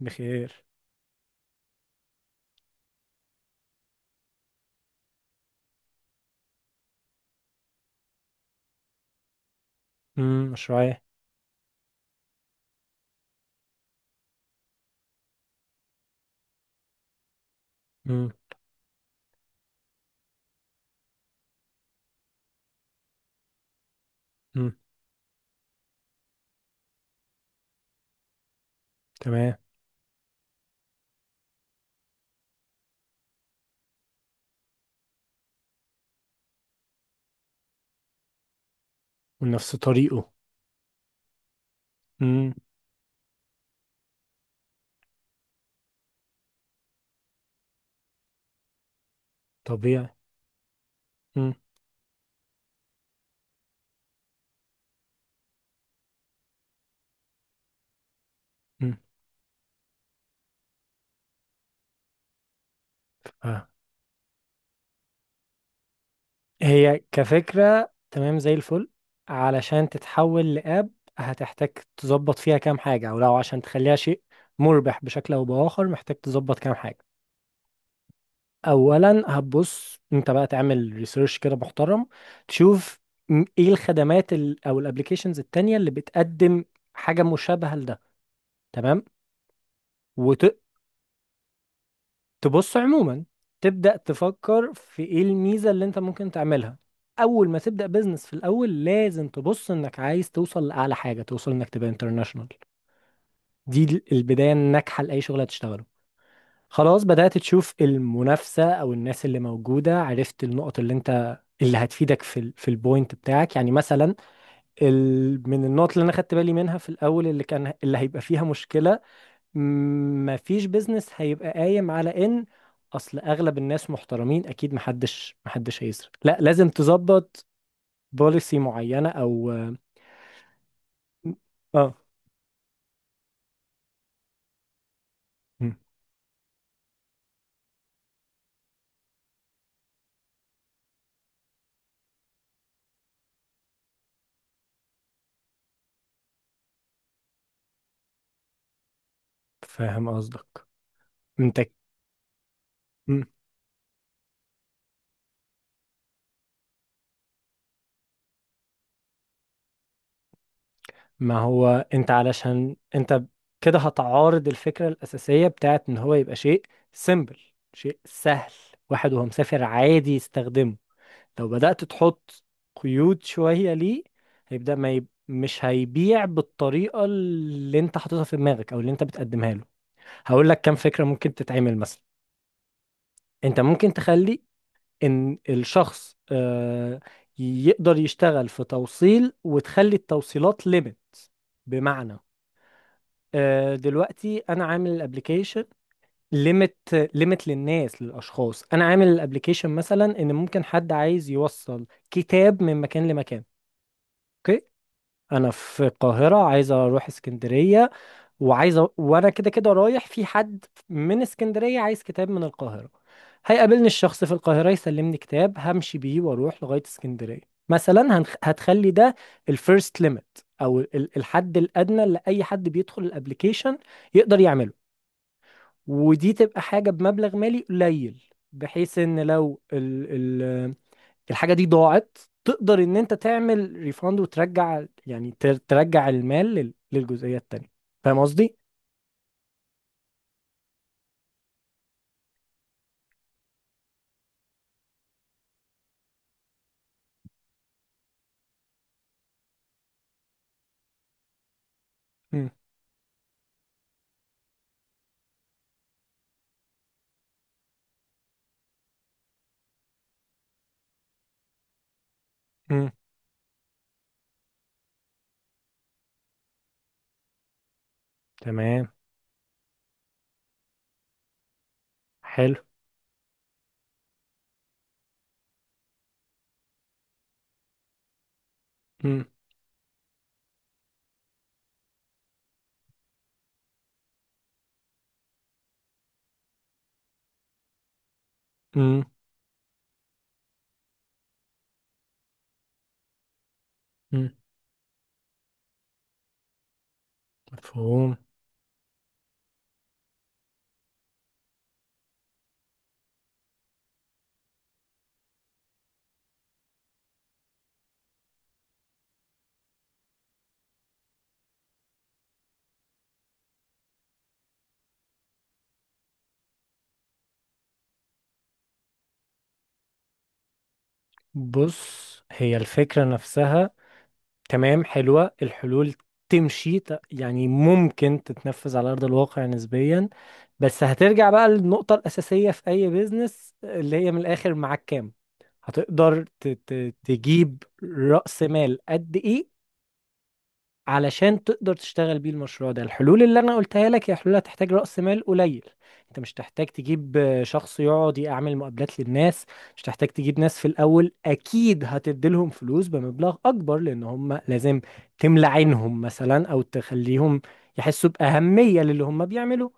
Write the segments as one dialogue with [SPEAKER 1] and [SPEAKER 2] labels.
[SPEAKER 1] بخير. مشروعي. امم. امم، تمام. ونفس طريقه. امم. طبيعي. امم. امم آه. هي كفكرة تمام، زي الفل. علشان تتحول لأب هتحتاج تظبط فيها كام حاجة، أو لو عشان تخليها شيء مربح بشكل أو بآخر محتاج تظبط كام حاجة. أولا هتبص أنت بقى تعمل ريسيرش كده محترم، تشوف إيه الخدمات أو الأبليكيشنز التانية اللي بتقدم حاجة مشابهة لده. تمام. وت... تبص عموما، تبدأ تفكر في ايه الميزة اللي انت ممكن تعملها. اول ما تبدأ بزنس في الاول لازم تبص انك عايز توصل لاعلى حاجة، توصل انك تبقى انترناشونال. دي البداية الناجحة لأي شغل هتشتغله. خلاص، بدأت تشوف المنافسة او الناس اللي موجودة، عرفت النقط اللي انت اللي هتفيدك في ال في البوينت بتاعك، يعني مثلا ال من النقط اللي انا خدت بالي منها في الاول اللي كان اللي هيبقى فيها مشكلة، مفيش بيزنس هيبقى قايم على ان اصل اغلب الناس محترمين، اكيد محدش هيسرق، لا لازم تظبط بوليسي معينة او اه. م. فاهم قصدك. انت م. ما هو انت، علشان انت كده هتعارض الفكرة الأساسية بتاعت ان هو يبقى شيء سيمبل، شيء سهل، واحد وهو مسافر عادي يستخدمه. لو بدأت تحط قيود شوية ليه، هيبدأ ما يب... مش هيبيع بالطريقة اللي انت حاططها في دماغك او اللي انت بتقدمها له. هقول لك كام فكرة ممكن تتعمل مثلا. انت ممكن تخلي ان الشخص يقدر يشتغل في توصيل وتخلي التوصيلات ليميت. بمعنى دلوقتي انا عامل الابليكيشن ليميت ليميت للناس للاشخاص، انا عامل الابليكيشن مثلا ان ممكن حد عايز يوصل كتاب من مكان لمكان. اوكي، انا في القاهره عايز اروح اسكندريه، وانا كده كده رايح، في حد من اسكندريه عايز كتاب من القاهره، هيقابلني الشخص في القاهره يسلمني كتاب همشي بيه واروح لغايه اسكندريه. مثلا هتخلي ده الفيرست ليميت او الحد الادنى اللي اي حد بيدخل الابليكيشن يقدر يعمله. ودي تبقى حاجه بمبلغ مالي قليل، بحيث ان لو ال... الحاجة دي ضاعت، تقدر ان انت تعمل ريفاند وترجع، يعني ترجع المال للجزئية التانية. فاهم قصدي؟ مم. مم. تمام، حلو. مم. مم. مم. مفهوم. بص، هي الفكرة نفسها تمام، حلوة الحلول. تمشي يعني ممكن تتنفذ على أرض الواقع نسبيا، بس هترجع بقى للنقطة الأساسية في أي بيزنس، اللي هي من الآخر معاك كام، هتقدر تجيب رأس مال قد إيه علشان تقدر تشتغل بيه المشروع ده. الحلول اللي انا قلتها لك هي حلول هتحتاج رأس مال قليل، انت مش تحتاج تجيب شخص يقعد يعمل مقابلات للناس، مش تحتاج تجيب ناس في الاول اكيد هتديلهم فلوس بمبلغ اكبر لان هم لازم تملى عينهم مثلا، او تخليهم يحسوا بأهمية للي هم بيعملوه.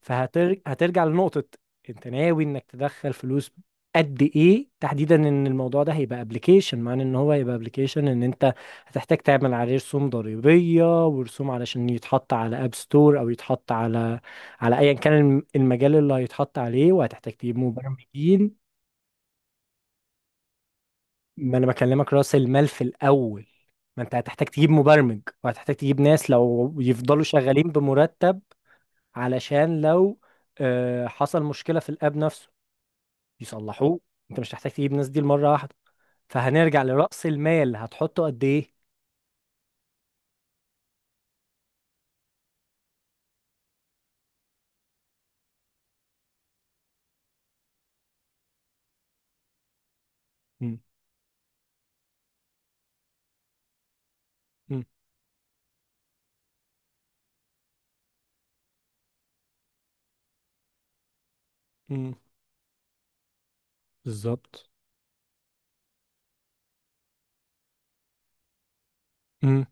[SPEAKER 1] هترجع لنقطة، انت ناوي انك تدخل فلوس قد ايه تحديدا، ان الموضوع ده هيبقى ابلكيشن، معنى ان هو هيبقى ابلكيشن ان انت هتحتاج تعمل عليه رسوم ضريبية ورسوم علشان يتحط على اب ستور او يتحط على على ايا كان المجال اللي هيتحط عليه، وهتحتاج تجيب مبرمجين. ما انا بكلمك راس المال في الاول، ما انت هتحتاج تجيب مبرمج وهتحتاج تجيب ناس لو يفضلوا شغالين بمرتب، علشان لو حصل مشكلة في الاب نفسه يصلحوه. انت مش هتحتاج تجيب الناس دي مرة واحدة. فهنرجع لرأس المال، هتحطه قد ايه؟ مم. مم. مم. بالظبط. مم.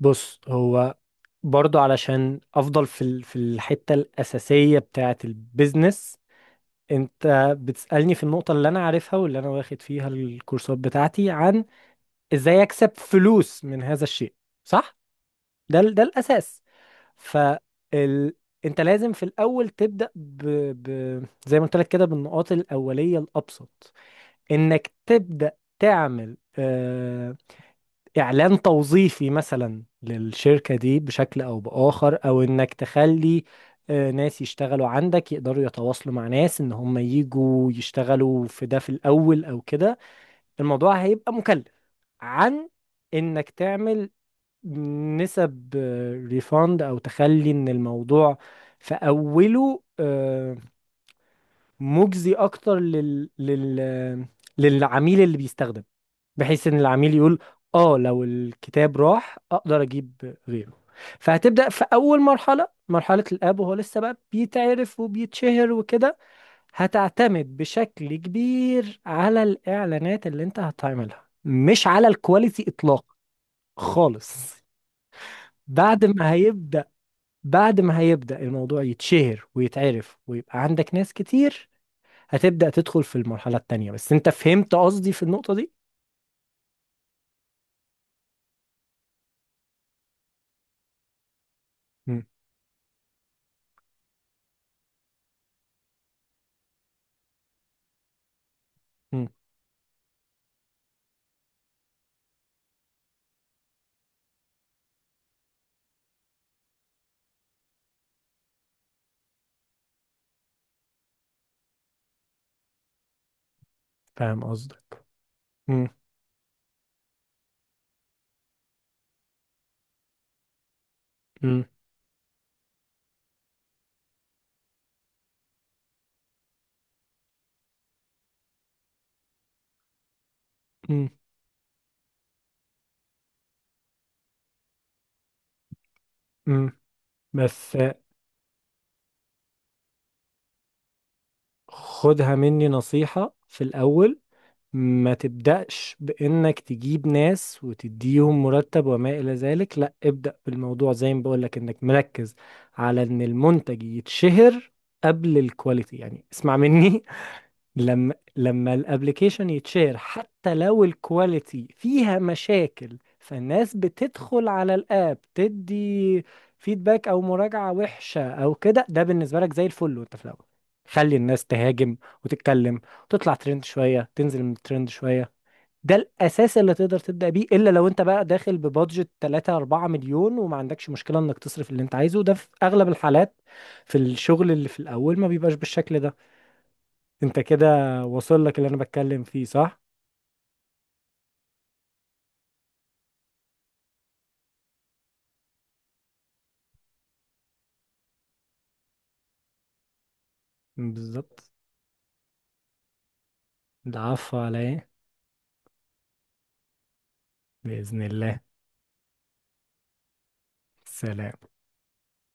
[SPEAKER 1] بص هو برضو علشان افضل في الحتة الأساسية بتاعة البيزنس، انت بتسألني في النقطة اللي انا عارفها واللي انا واخد فيها الكورسات بتاعتي عن ازاي اكسب فلوس من هذا الشيء، صح؟ ده الأساس. فال... انت لازم في الاول ب... زي ما قلت لك كده بالنقاط الاوليه الابسط، انك تبدا تعمل اعلان توظيفي مثلا للشركه دي بشكل او باخر، او انك تخلي ناس يشتغلوا عندك يقدروا يتواصلوا مع ناس ان هم يجوا يشتغلوا في ده في الاول، او كده الموضوع هيبقى مكلف عن انك تعمل نسب ريفاند، او تخلي ان الموضوع في اوله مجزي اكتر لل للعميل اللي بيستخدم، بحيث ان العميل يقول اه لو الكتاب راح اقدر اجيب غيره. فهتبدأ في اول مرحلة، مرحلة الاب وهو لسه بقى بيتعرف وبيتشهر وكده، هتعتمد بشكل كبير على الاعلانات اللي انت هتعملها، مش على الكواليتي اطلاقا خالص. بعد ما هيبدأ بعد ما هيبدأ الموضوع يتشهر ويتعرف ويبقى عندك ناس كتير، هتبدأ تدخل في المرحلة التانية. بس انت فهمت قصدي في النقطة دي؟ مم. مم. فاهم قصدك. مم. مم. مم. مم. بس خدها مني نصيحة في الأول، ما تبدأش بإنك تجيب ناس وتديهم مرتب وما إلى ذلك، لا ابدأ بالموضوع زي ما بقولك، إنك مركز على إن المنتج يتشهر قبل الكواليتي، يعني اسمع مني، لما الابليكيشن يتشير حتى لو الكواليتي فيها مشاكل فالناس بتدخل على الاب تدي فيدباك او مراجعة وحشة او كده، ده بالنسبة لك زي الفل، وانت في الاول خلي الناس تهاجم وتتكلم وتطلع ترند شوية، تنزل من الترند شوية. ده الاساس اللي تقدر تبدأ بيه، الا لو انت بقى داخل ببادجت 3 4 مليون وما عندكش مشكلة انك تصرف اللي انت عايزه، وده في اغلب الحالات في الشغل اللي في الاول ما بيبقاش بالشكل ده. انت كده واصل لك اللي انا بتكلم فيه، صح؟ بالظبط. العفو على ايه. باذن الله. سلام.